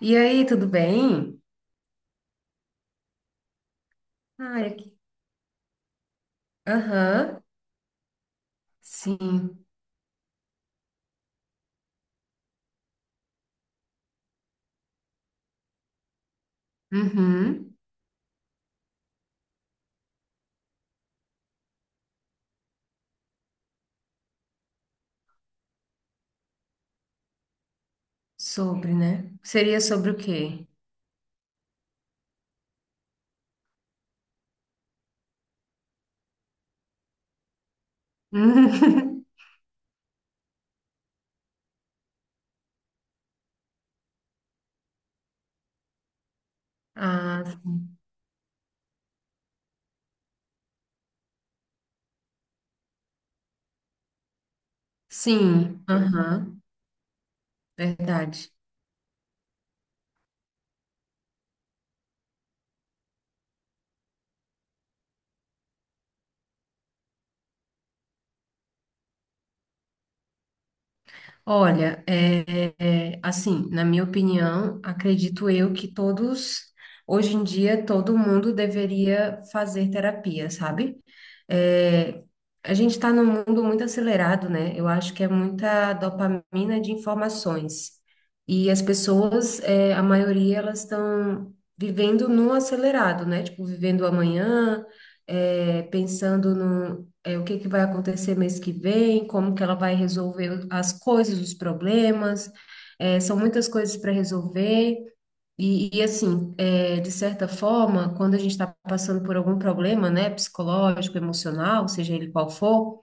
E aí, tudo bem? Ah, é que- Aham, sim. Uhum. Sobre, né? Seria sobre o quê? Ah, sim. Sim, aham, verdade. Olha, assim, na minha opinião, acredito eu que todos, hoje em dia, todo mundo deveria fazer terapia, sabe? É, a gente está num mundo muito acelerado, né? Eu acho que é muita dopamina de informações. E as pessoas, a maioria, elas estão vivendo no acelerado, né? Tipo, vivendo o amanhã, pensando o que que vai acontecer mês que vem, como que ela vai resolver as coisas, os problemas, são muitas coisas para resolver. E assim, de certa forma, quando a gente está passando por algum problema, né, psicológico, emocional, seja ele qual for,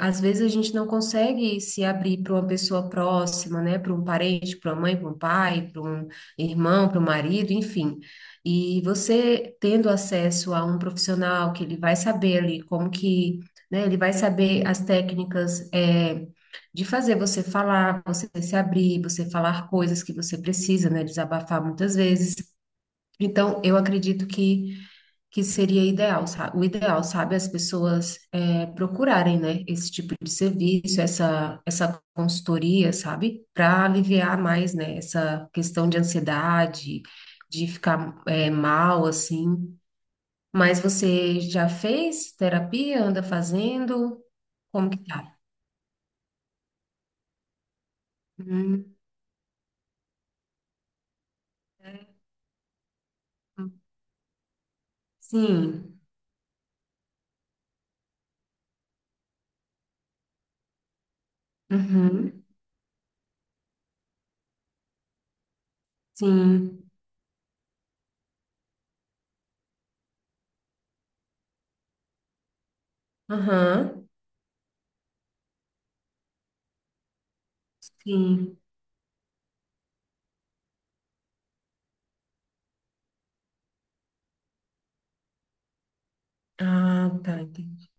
às vezes a gente não consegue se abrir para uma pessoa próxima, né? Para um parente, para uma mãe, para um pai, para um irmão, para um marido, enfim. E você tendo acesso a um profissional que ele vai saber ali como que, né? Ele vai saber as técnicas de fazer você falar, você se abrir, você falar coisas que você precisa, né? Desabafar muitas vezes. Então, eu acredito que seria ideal, sabe? O ideal, sabe, as pessoas procurarem, né, esse tipo de serviço, essa consultoria, sabe, para aliviar mais, né, essa questão de ansiedade, de ficar mal, assim. Mas você já fez terapia? Anda fazendo? Como que tá? Hum, sim. Uhum. Sim. Aham. Sim. Ah, tá. Entendi.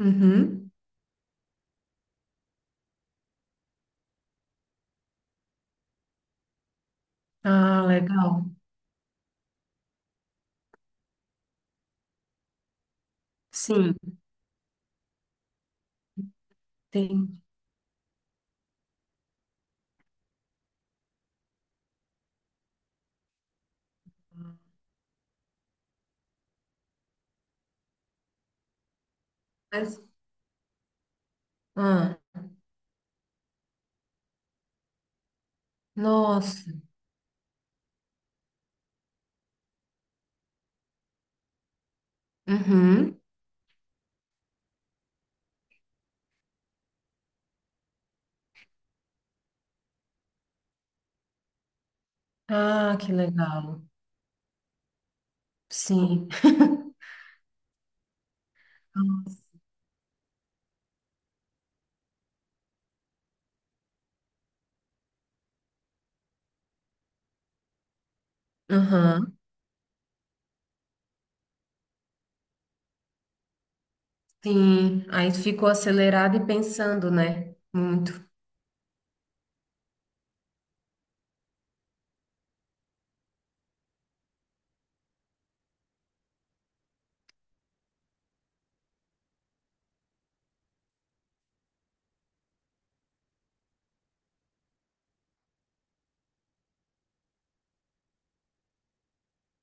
Uhum. Ah, legal. Sim. Entendi. Mas, ah, nossa. Uhum. Ah, que legal. Sim. Nossa. Aham. Sim. Aí ficou acelerado e pensando, né? Muito.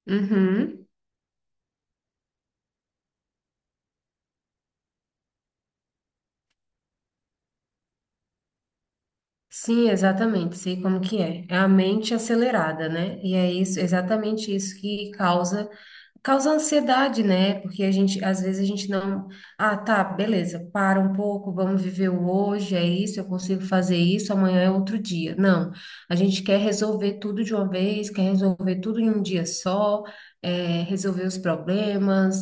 Uhum. Sim, exatamente. Sei como que é. É a mente acelerada, né? E é isso, exatamente isso que causa. Causa ansiedade, né? Porque a gente, às vezes a gente não, ah, tá, beleza, para um pouco, vamos viver o hoje, é isso, eu consigo fazer isso, amanhã é outro dia. Não, a gente quer resolver tudo de uma vez, quer resolver tudo em um dia só, resolver os problemas.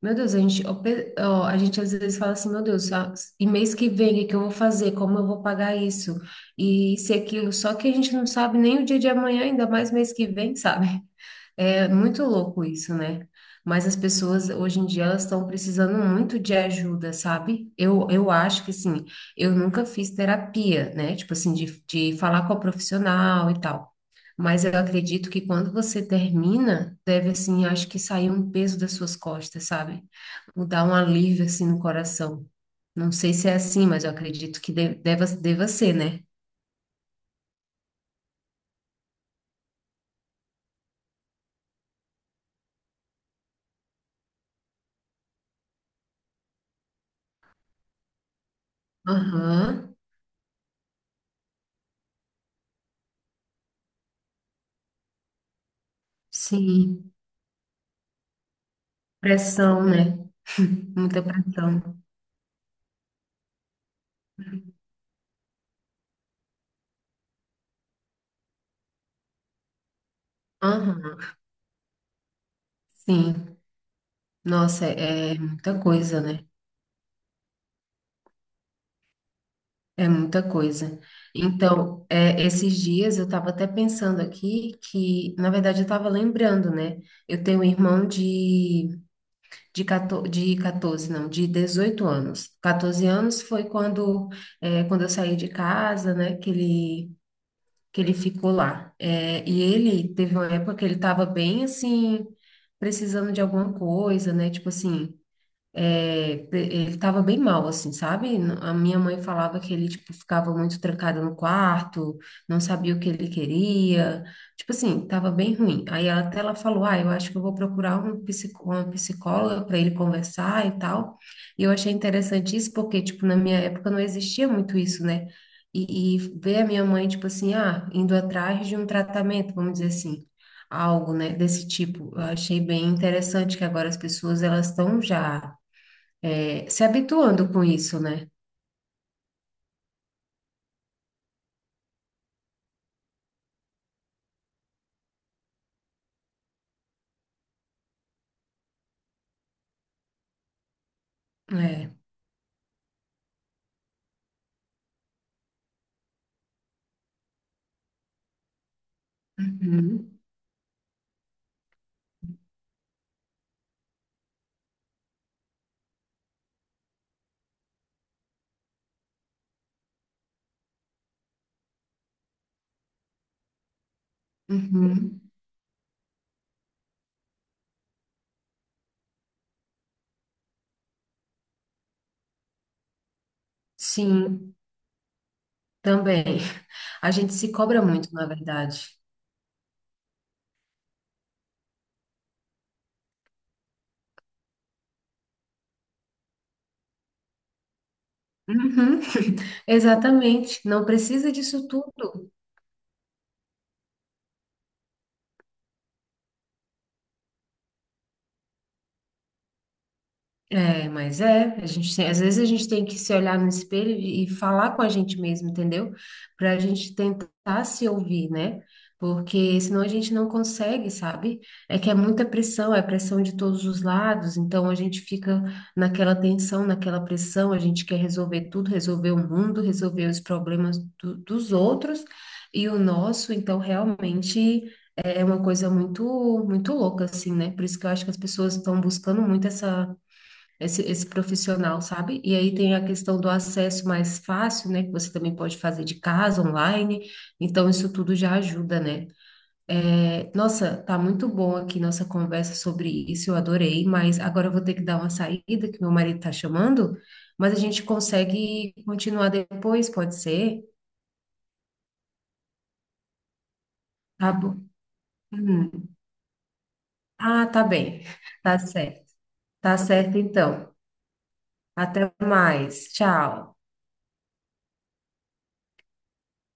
Meu Deus, a gente, ó, pe- ó, a gente às vezes fala assim, meu Deus, ah, e mês que vem, o que que eu vou fazer? Como eu vou pagar isso? E isso e aquilo, só que a gente não sabe nem o dia de amanhã, ainda mais mês que vem, sabe? É muito louco isso, né? Mas as pessoas hoje em dia elas estão precisando muito de ajuda, sabe? Eu acho que assim, eu nunca fiz terapia, né? Tipo assim, de falar com a profissional e tal. Mas eu acredito que quando você termina, deve assim, acho que sair um peso das suas costas, sabe? Dar um alívio assim no coração. Não sei se é assim, mas eu acredito que de- deva ser, né? Aham, sim. Pressão, né? Muita pressão. Aham, sim. Nossa, é muita coisa, né? É muita coisa. Então, esses dias eu estava até pensando aqui que, na verdade, eu estava lembrando, né? Eu tenho um irmão de 14, não, de 18 anos. 14 anos foi quando, quando eu saí de casa, né? Que ele ficou lá. É, e ele teve uma época que ele estava bem assim, precisando de alguma coisa, né? Tipo assim. É, pre- ele tava bem mal, assim, sabe? N- A minha mãe falava que ele, tipo, ficava muito trancado no quarto, não sabia o que ele queria, tipo assim, tava bem ruim. Aí ela- até ela falou, ah, eu acho que eu vou procurar um psico, uma psicóloga para ele conversar e tal. E eu achei interessante isso porque, tipo, na minha época não existia muito isso, né? E ver a minha mãe, tipo assim, ah, indo atrás de um tratamento, vamos dizer assim algo, né, desse tipo. Eu achei bem interessante que agora as pessoas elas estão já se habituando com isso, né? É. Uhum, uhum. Sim, também. A gente se cobra muito, na verdade. Uhum, exatamente. Não precisa disso tudo. É, mas é, a gente tem- às vezes a gente tem que se olhar no espelho e falar com a gente mesmo, entendeu? Para a gente tentar se ouvir, né? Porque senão a gente não consegue, sabe? É que é muita pressão, é pressão de todos os lados, então a gente fica naquela tensão, naquela pressão, a gente quer resolver tudo, resolver o mundo, resolver os problemas do- dos outros e o nosso, então realmente é uma coisa muito, muito louca, assim, né? Por isso que eu acho que as pessoas estão buscando muito essa esse profissional, sabe? E aí tem a questão do acesso mais fácil, né? Que você também pode fazer de casa, online. Então, isso tudo já ajuda, né? É, nossa, tá muito bom aqui nossa conversa sobre isso, eu adorei, mas agora eu vou ter que dar uma saída, que meu marido tá chamando, mas a gente consegue continuar depois, pode ser? Tá bom. Hum. Ah, tá bem. Tá certo. Tá certo, então. Até mais. Tchau.